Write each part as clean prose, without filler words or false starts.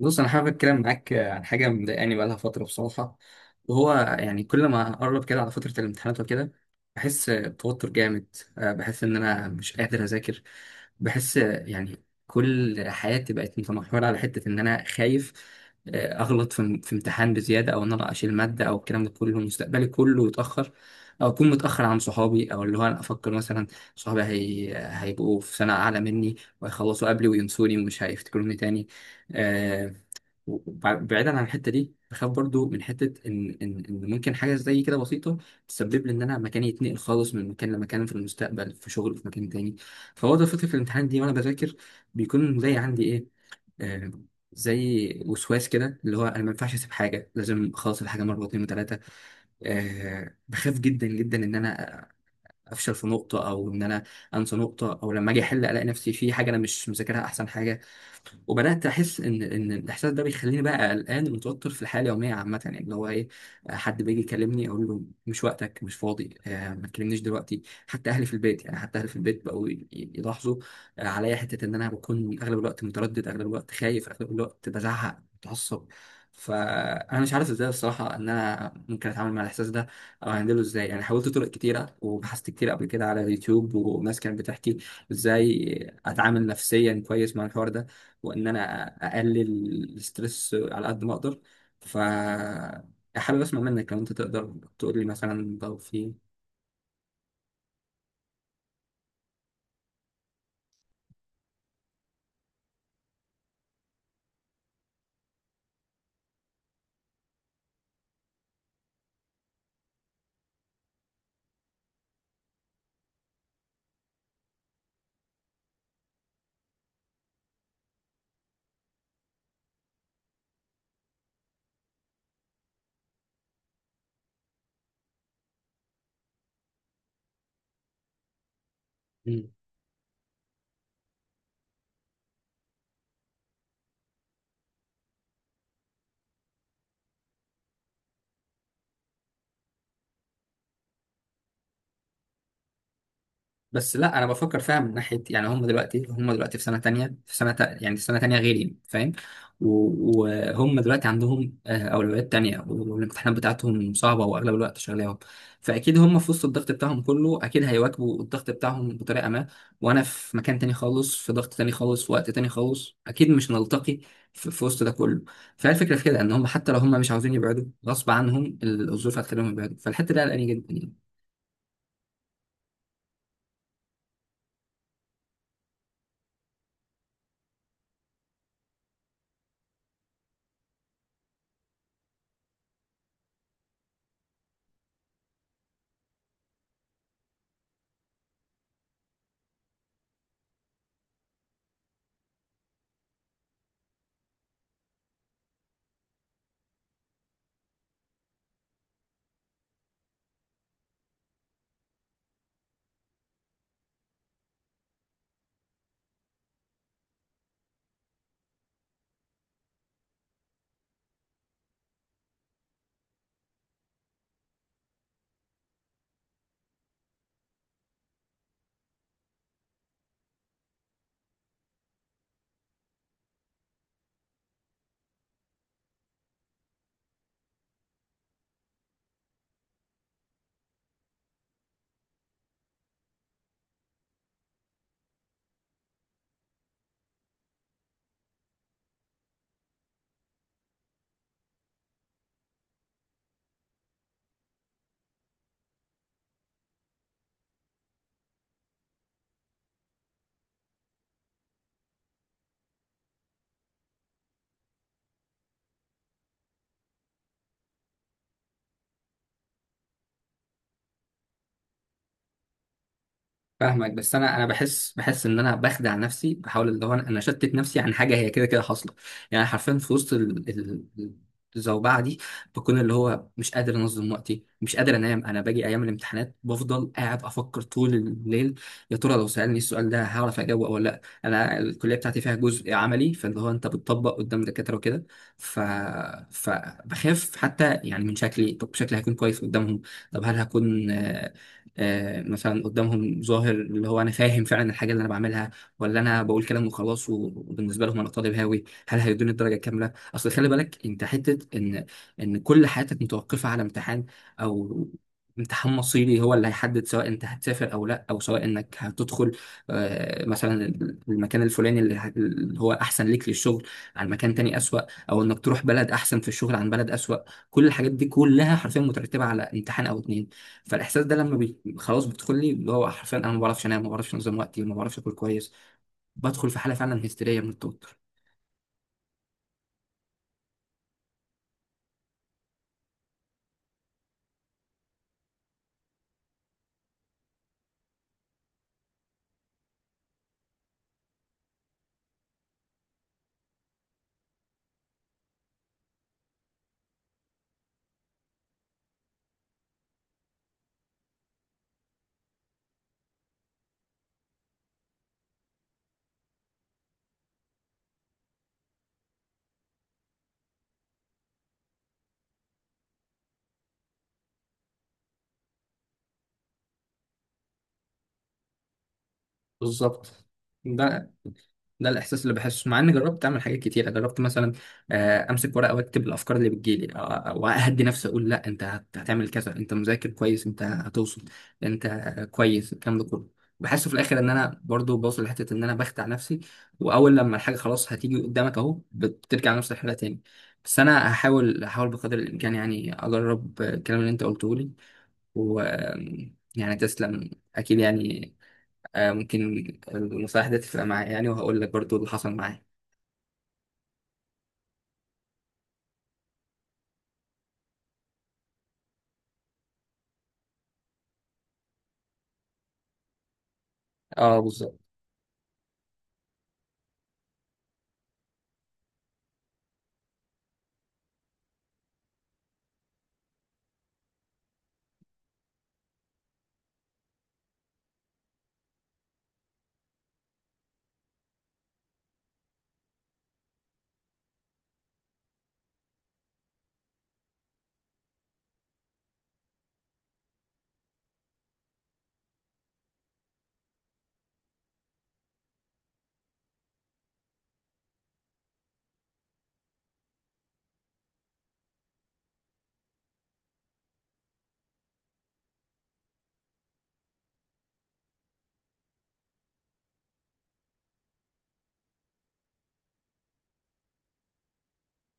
بص، انا حابب اتكلم معاك عن حاجه مضايقاني بقالها فتره بصراحه. وهو يعني كل ما اقرب كده على فتره الامتحانات وكده بحس بتوتر جامد. بحس ان انا مش قادر اذاكر. بحس يعني كل حياتي بقت متمحوره على حته ان انا خايف، اغلط في امتحان بزياده، او ان انا اشيل ماده، او الكلام ده كله مستقبلي كله يتاخر، او اكون متاخر عن صحابي، او اللي هو انا افكر مثلا صحابي هيبقوا في سنه اعلى مني، وهيخلصوا قبلي وينسوني ومش هيفتكروني تاني. آه، بعيدا عن الحته دي، بخاف برضو من حته ان ممكن حاجه زي كده بسيطه تسبب لي ان انا مكاني يتنقل خالص من مكان لمكان في المستقبل، في شغل في مكان تاني. فهو ده فكره الامتحان دي، وانا بذاكر بيكون زي عندي ايه، آه زي وسواس كده، اللي هو انا ما ينفعش اسيب حاجه، لازم اخلص الحاجه مره واثنين وثلاثه. بخاف جدا جدا ان انا افشل في نقطه، او ان انا انسى نقطه، او لما اجي احل الاقي نفسي في حاجه انا مش مذاكرها احسن حاجه. وبدات احس ان الاحساس ده بيخليني بقى قلقان ومتوتر في الحياه اليوميه عامه، يعني اللي هو ايه، حد بيجي يكلمني اقول له مش وقتك، مش فاضي، ما تكلمنيش دلوقتي. حتى اهلي في البيت، بقوا يلاحظوا عليا حته ان انا بكون اغلب الوقت متردد، اغلب الوقت خايف، اغلب الوقت بزعق متعصب. فانا مش عارف ازاي الصراحه ان انا ممكن اتعامل مع الاحساس ده، او هندله ازاي. يعني حاولت طرق كتيره، وبحثت كتير قبل كده على اليوتيوب، وناس كانت بتحكي ازاي اتعامل نفسيا كويس مع الحوار ده، وان انا اقلل الستريس على قد ما اقدر. ف حابب اسمع منك لو انت تقدر تقول لي مثلا لو في. بس لا، انا بفكر فيها من ناحيه، يعني هم دلوقتي في سنه تانية، في سنه تا يعني في سنه تانية غيري، فاهم. وهم دلوقتي عندهم اولويات تانية، والامتحانات بتاعتهم صعبه، واغلب الوقت شغلاهم. فاكيد هم في وسط الضغط بتاعهم كله، اكيد هيواكبوا الضغط بتاعهم بطريقه ما. وانا في مكان تاني خالص، في ضغط تاني خالص، في وقت تاني خالص، اكيد مش نلتقي في وسط ده كله. فهي الفكره في كده، ان هم حتى لو هم مش عاوزين يبعدوا، غصب عنهم الظروف هتخليهم يبعدوا، فالحته دي قلقاني جدا يعني. فاهمك، بس انا بحس ان انا بخدع نفسي، بحاول اللي هو انا اشتت نفسي عن حاجه هي كده كده حاصله. يعني حرفيا في وسط ال- الزوبعه دي، بكون اللي هو مش قادر انظم وقتي، مش قادر انام. انا باجي ايام الامتحانات بفضل قاعد افكر طول الليل: يا ترى لو سالني السؤال ده هعرف اجاوبه ولا لا؟ انا الكليه بتاعتي فيها جزء عملي، فاللي هو انت بتطبق قدام دكاتره وكده. ف فبخاف حتى يعني من شكلي. طب شكلي هيكون كويس قدامهم؟ طب هل هكون مثلا قدامهم ظاهر اللي هو انا فاهم فعلا الحاجه اللي انا بعملها، ولا انا بقول كلام وخلاص؟ وبالنسبه لهم انا طالب هاوي، هل هيدوني الدرجه الكامله؟ اصل خلي بالك انت، حته ان كل حياتك متوقفه على امتحان، او امتحان مصيري هو اللي هيحدد سواء انت هتسافر او لا، او سواء انك هتدخل مثلا المكان الفلاني اللي هو احسن ليك للشغل عن مكان تاني اسوأ، او انك تروح بلد احسن في الشغل عن بلد اسوأ. كل الحاجات دي كلها حرفيا مترتبه على امتحان او اتنين. فالاحساس ده لما خلاص بيدخل لي، اللي هو حرفيا انا ما بعرفش انام، ما بعرفش انظم وقتي، ما بعرفش اكل كويس، بدخل في حاله فعلا هستيريه من التوتر. بالظبط. ده ده الاحساس اللي بحسه مع اني جربت اعمل حاجات كتيره. جربت مثلا امسك ورقه واكتب الافكار اللي بتجيلي، واهدي نفسي، اقول: لا، انت هتعمل كذا، انت مذاكر كويس، انت هتوصل، انت كويس، الكلام ده كله. بحس في الاخر ان انا برضو بوصل لحته ان انا بخدع نفسي، واول لما الحاجه خلاص هتيجي قدامك اهو بترجع لنفس الحاله تاني. بس انا هحاول بقدر الامكان، يعني اجرب الكلام اللي انت قلته لي. و يعني تسلم. اكيد يعني، ممكن المساعدة تفرق معايا يعني، وهقول لك برضو اللي حصل معايا. اه بالظبط.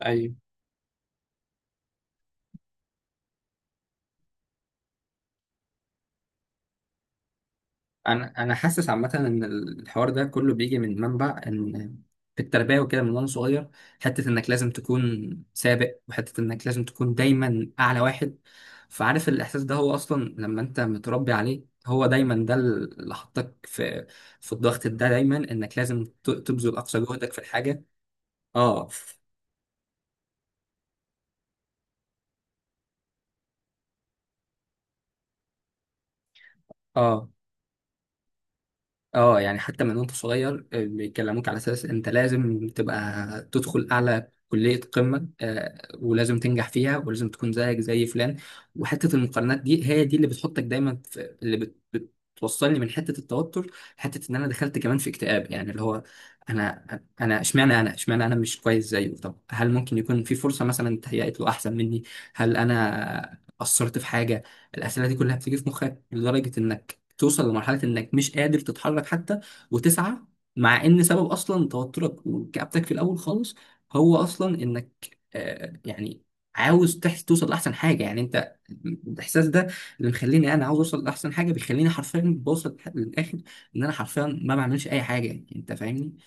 ايوه، انا حاسس عامه ان الحوار ده كله بيجي من منبع ان في التربيه وكده من وانا صغير، حته انك لازم تكون سابق، وحته انك لازم تكون دايما اعلى واحد. فعارف الاحساس ده، هو اصلا لما انت متربي عليه هو دايما، ده اللي حطك في الضغط ده، دايما انك لازم تبذل اقصى جهدك في الحاجه. اه. اه، اه، يعني حتى من وانت صغير بيكلموك على اساس انت لازم تبقى تدخل اعلى كلية قمة، ولازم تنجح فيها، ولازم تكون زيك زي فلان. وحتة المقارنات دي، هي دي اللي بتحطك دايما في بتوصلني من حتة التوتر لحتة ان انا دخلت كمان في اكتئاب، يعني اللي هو انا انا اشمعنى انا مش كويس زيه. طب هل ممكن يكون في فرصة مثلا اتهيأت له احسن مني؟ هل انا قصرت في حاجة؟ الأسئلة دي كلها بتيجي في مخك لدرجة انك توصل لمرحلة انك مش قادر تتحرك حتى وتسعى، مع ان سبب اصلا توترك وكآبتك في الاول خالص هو اصلا انك يعني عاوز توصل لاحسن حاجة. يعني انت، الاحساس ده اللي مخليني انا عاوز اوصل لاحسن حاجة بيخليني حرفيا بوصل للاخر، ان انا حرفيا ما بعملش اي حاجة. يعني انت فاهمني؟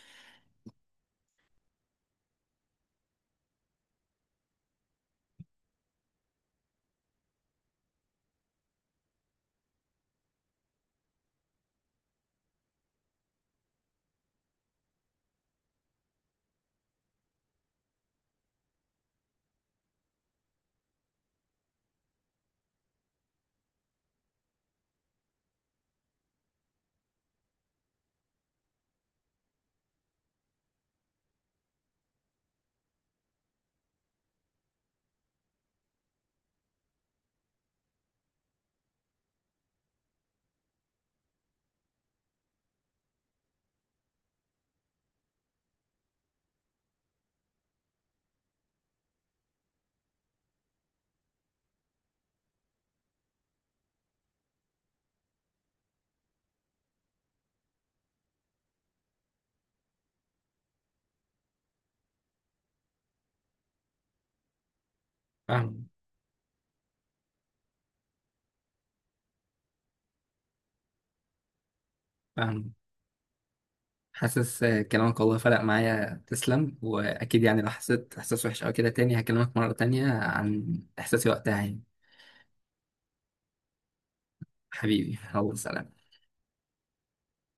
فاهم. فاهم. حاسس كلامك والله فرق معايا، تسلم. واكيد يعني لو حسيت احساس وحش او كده تاني هكلمك مرة تانية عن احساسي وقتها يعني. حبيبي، الله، سلام.